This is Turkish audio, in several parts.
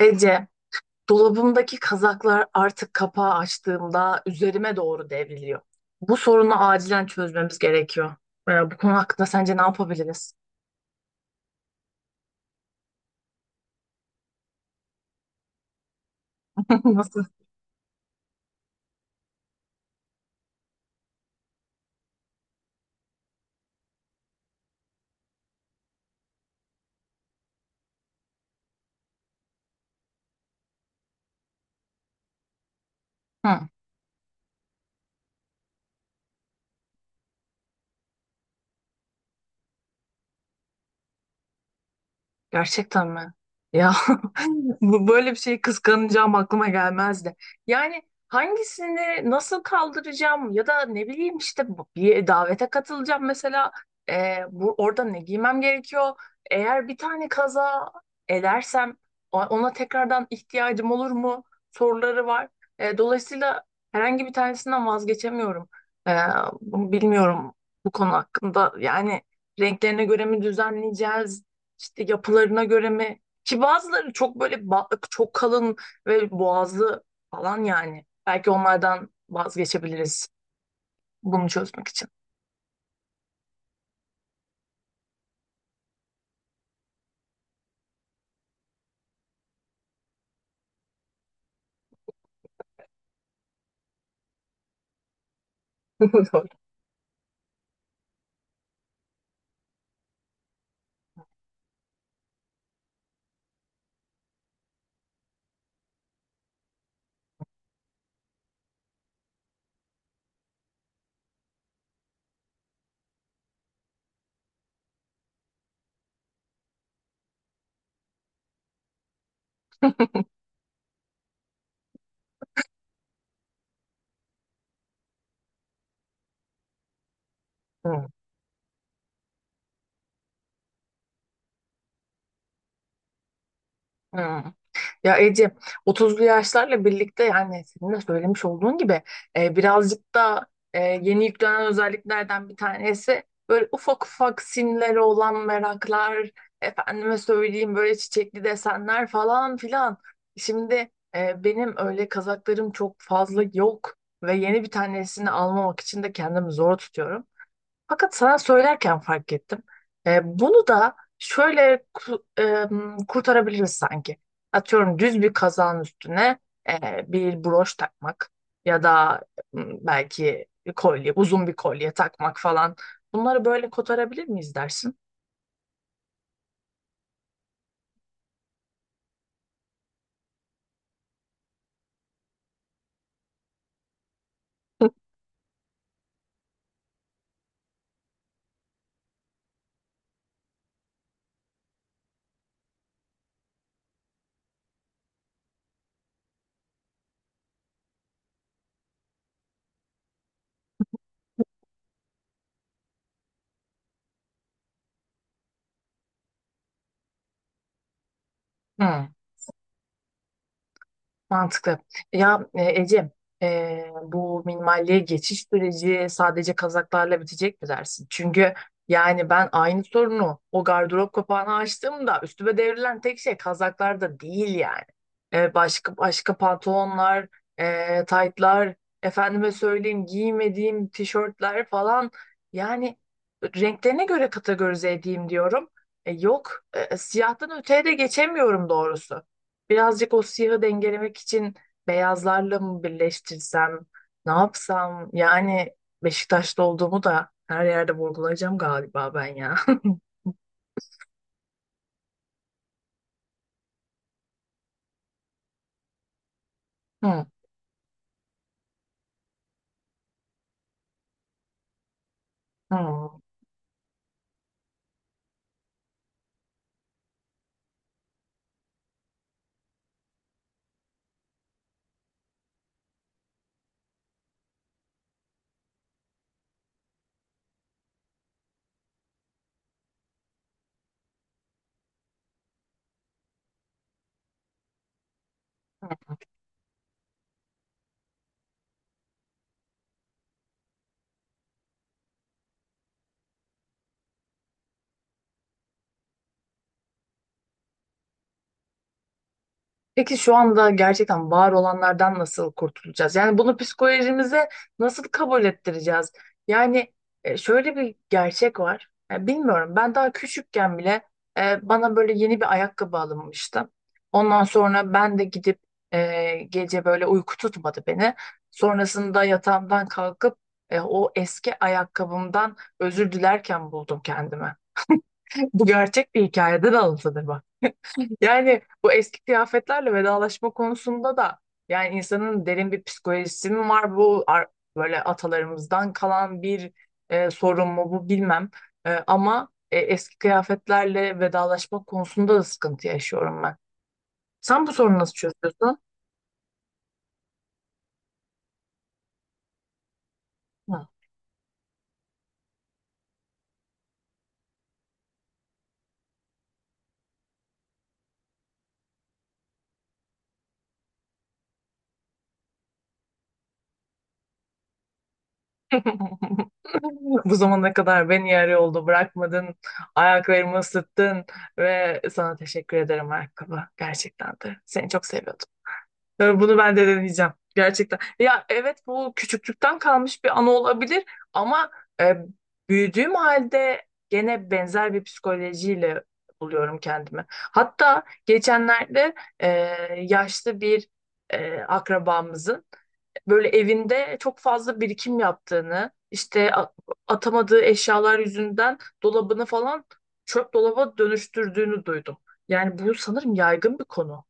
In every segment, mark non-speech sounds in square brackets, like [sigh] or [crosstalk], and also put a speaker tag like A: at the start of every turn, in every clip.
A: Ece, dolabımdaki kazaklar artık kapağı açtığımda üzerime doğru devriliyor. Bu sorunu acilen çözmemiz gerekiyor. Bu konu hakkında sence ne yapabiliriz? [laughs] Nasıl? Hı. Gerçekten mi? Ya [laughs] böyle bir şeyi kıskanacağım aklıma gelmezdi. Yani hangisini nasıl kaldıracağım ya da ne bileyim işte bir davete katılacağım mesela. Bu orada ne giymem gerekiyor? Eğer bir tane kaza edersem ona tekrardan ihtiyacım olur mu? Soruları var. Dolayısıyla herhangi bir tanesinden vazgeçemiyorum. Ee, Bunu bilmiyorum, bu konu hakkında, yani renklerine göre mi düzenleyeceğiz? İşte yapılarına göre mi? Ki bazıları çok böyle çok kalın ve boğazlı falan yani. Belki onlardan vazgeçebiliriz bunu çözmek için. [laughs] Doğru. Hmm. Hmm. Ya Ece, 30'lu yaşlarla birlikte, yani senin de söylemiş olduğun gibi, birazcık da yeni yüklenen özelliklerden bir tanesi böyle ufak ufak simleri olan meraklar, efendime söyleyeyim böyle çiçekli desenler falan filan. Şimdi benim öyle kazaklarım çok fazla yok ve yeni bir tanesini almamak için de kendimi zor tutuyorum. Fakat sana söylerken fark ettim. Bunu da şöyle kurtarabiliriz sanki. Atıyorum düz bir kazağın üstüne bir broş takmak ya da belki bir kolye, uzun bir kolye takmak falan. Bunları böyle kotarabilir miyiz dersin? [laughs] Hı. Mantıklı. Ya Ece, bu minimalliğe geçiş süreci sadece kazaklarla bitecek mi dersin? Çünkü yani ben aynı sorunu, o gardırop kapağını açtığımda üstüme devrilen tek şey kazaklar da değil yani. Başka başka pantolonlar, taytlar, efendime söyleyeyim giymediğim tişörtler falan. Yani renklerine göre kategorize edeyim diyorum. Yok, siyahtan öteye de geçemiyorum doğrusu. Birazcık o siyahı dengelemek için beyazlarla mı birleştirsem, ne yapsam? Yani Beşiktaşlı olduğumu da her yerde vurgulayacağım galiba ben ya. [laughs] Hı, hı, hı. Peki şu anda gerçekten var olanlardan nasıl kurtulacağız? Yani bunu psikolojimize nasıl kabul ettireceğiz? Yani şöyle bir gerçek var. Ya bilmiyorum, ben daha küçükken bile bana böyle yeni bir ayakkabı alınmıştı. Ondan sonra ben de gidip gece böyle uyku tutmadı beni. Sonrasında yatağımdan kalkıp o eski ayakkabımdan özür dilerken buldum kendimi. [laughs] Bu gerçek bir hikayeden alıntıdır bak. Yani bu eski kıyafetlerle vedalaşma konusunda da, yani insanın derin bir psikolojisi mi var, bu böyle atalarımızdan kalan bir sorun mu bu, bilmem. Ama eski kıyafetlerle vedalaşma konusunda da sıkıntı yaşıyorum ben. Sen bu sorunu nasıl çözüyorsun? Hı. [laughs] Bu zamana kadar beni yarı yolda bırakmadın, ayaklarımı ısıttın ve sana teşekkür ederim ayakkabı. Gerçekten de seni çok seviyordum. Ve bunu ben de deneyeceğim. Gerçekten. Ya evet, bu küçüklükten kalmış bir anı olabilir ama e, büyüdüğüm halde gene benzer bir psikolojiyle buluyorum kendimi. Hatta geçenlerde e, yaşlı bir akrabamızın böyle evinde çok fazla birikim yaptığını, işte atamadığı eşyalar yüzünden dolabını falan çöp dolaba dönüştürdüğünü duydum. Yani bu sanırım yaygın bir konu.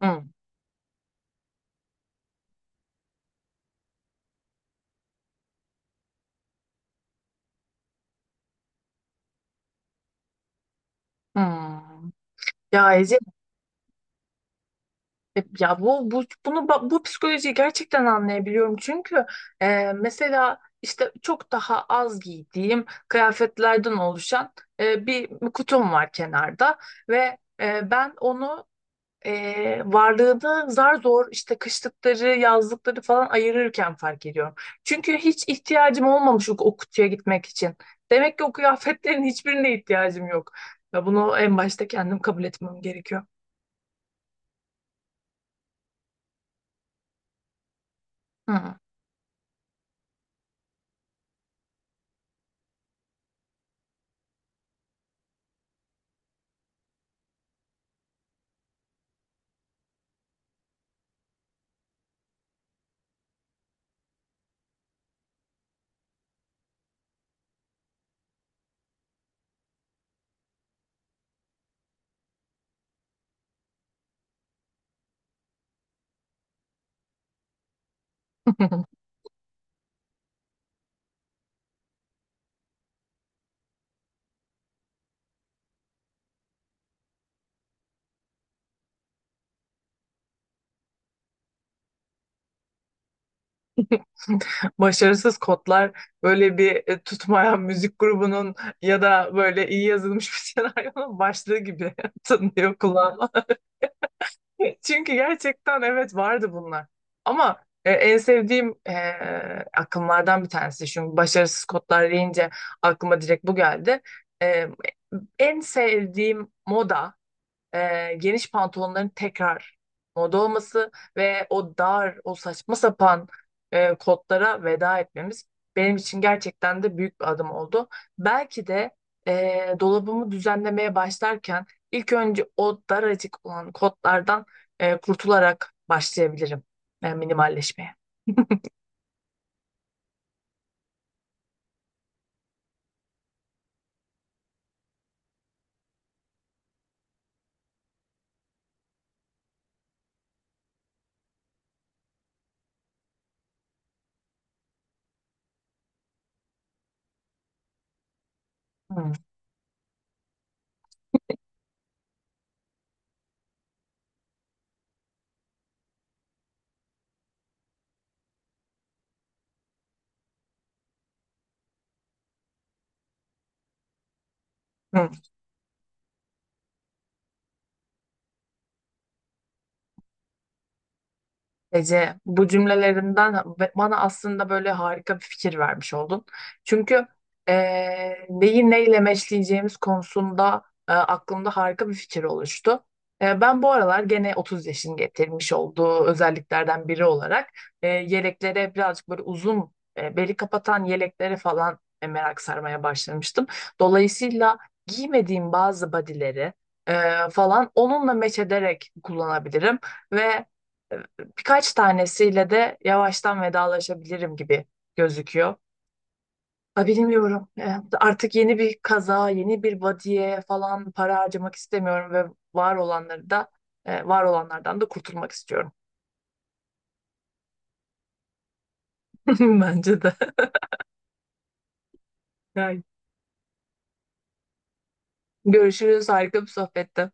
A: Hmm. Hmm. Ya Ece, ya bu psikolojiyi gerçekten anlayabiliyorum çünkü mesela işte çok daha az giydiğim kıyafetlerden oluşan bir kutum var kenarda ve ben varlığını zar zor, işte kışlıkları, yazlıkları falan ayırırken fark ediyorum. Çünkü hiç ihtiyacım olmamış o kutuya gitmek için. Demek ki o kıyafetlerin [laughs] hiçbirine ihtiyacım yok. Ve bunu en başta kendim kabul etmem gerekiyor. Hı. [laughs] Başarısız kodlar böyle bir tutmayan müzik grubunun ya da böyle iyi yazılmış bir [laughs] senaryonun başlığı gibi [laughs] tınlıyor kulağıma. [laughs] Çünkü gerçekten evet, vardı bunlar. Ama en sevdiğim akımlardan bir tanesi. Çünkü başarısız kodlar deyince aklıma direkt bu geldi. E, En sevdiğim moda, geniş pantolonların tekrar moda olması ve o dar, o saçma sapan kotlara veda etmemiz, benim için gerçekten de büyük bir adım oldu. Belki de dolabımı düzenlemeye başlarken ilk önce o daracık olan kotlardan kurtularak başlayabilirim minimalleşmeye. [laughs] Hmm. Hı. Ece, bu cümlelerinden bana aslında böyle harika bir fikir vermiş oldun. Çünkü neyi neyle meşleyeceğimiz konusunda aklımda harika bir fikir oluştu. Ben bu aralar gene 30 yaşın getirmiş olduğu özelliklerden biri olarak yeleklere, birazcık böyle uzun, beli kapatan yeleklere falan, merak sarmaya başlamıştım. Dolayısıyla giymediğim bazı bodyleri e, falan onunla meç ederek kullanabilirim ve birkaç tanesiyle de yavaştan vedalaşabilirim gibi gözüküyor. Ha, bilmiyorum. Artık yeni bir kaza, yeni bir body'ye falan para harcamak istemiyorum ve var olanları da var olanlardan da kurtulmak istiyorum. [laughs] Bence de. Yani görüşürüz. Harika bir sohbette.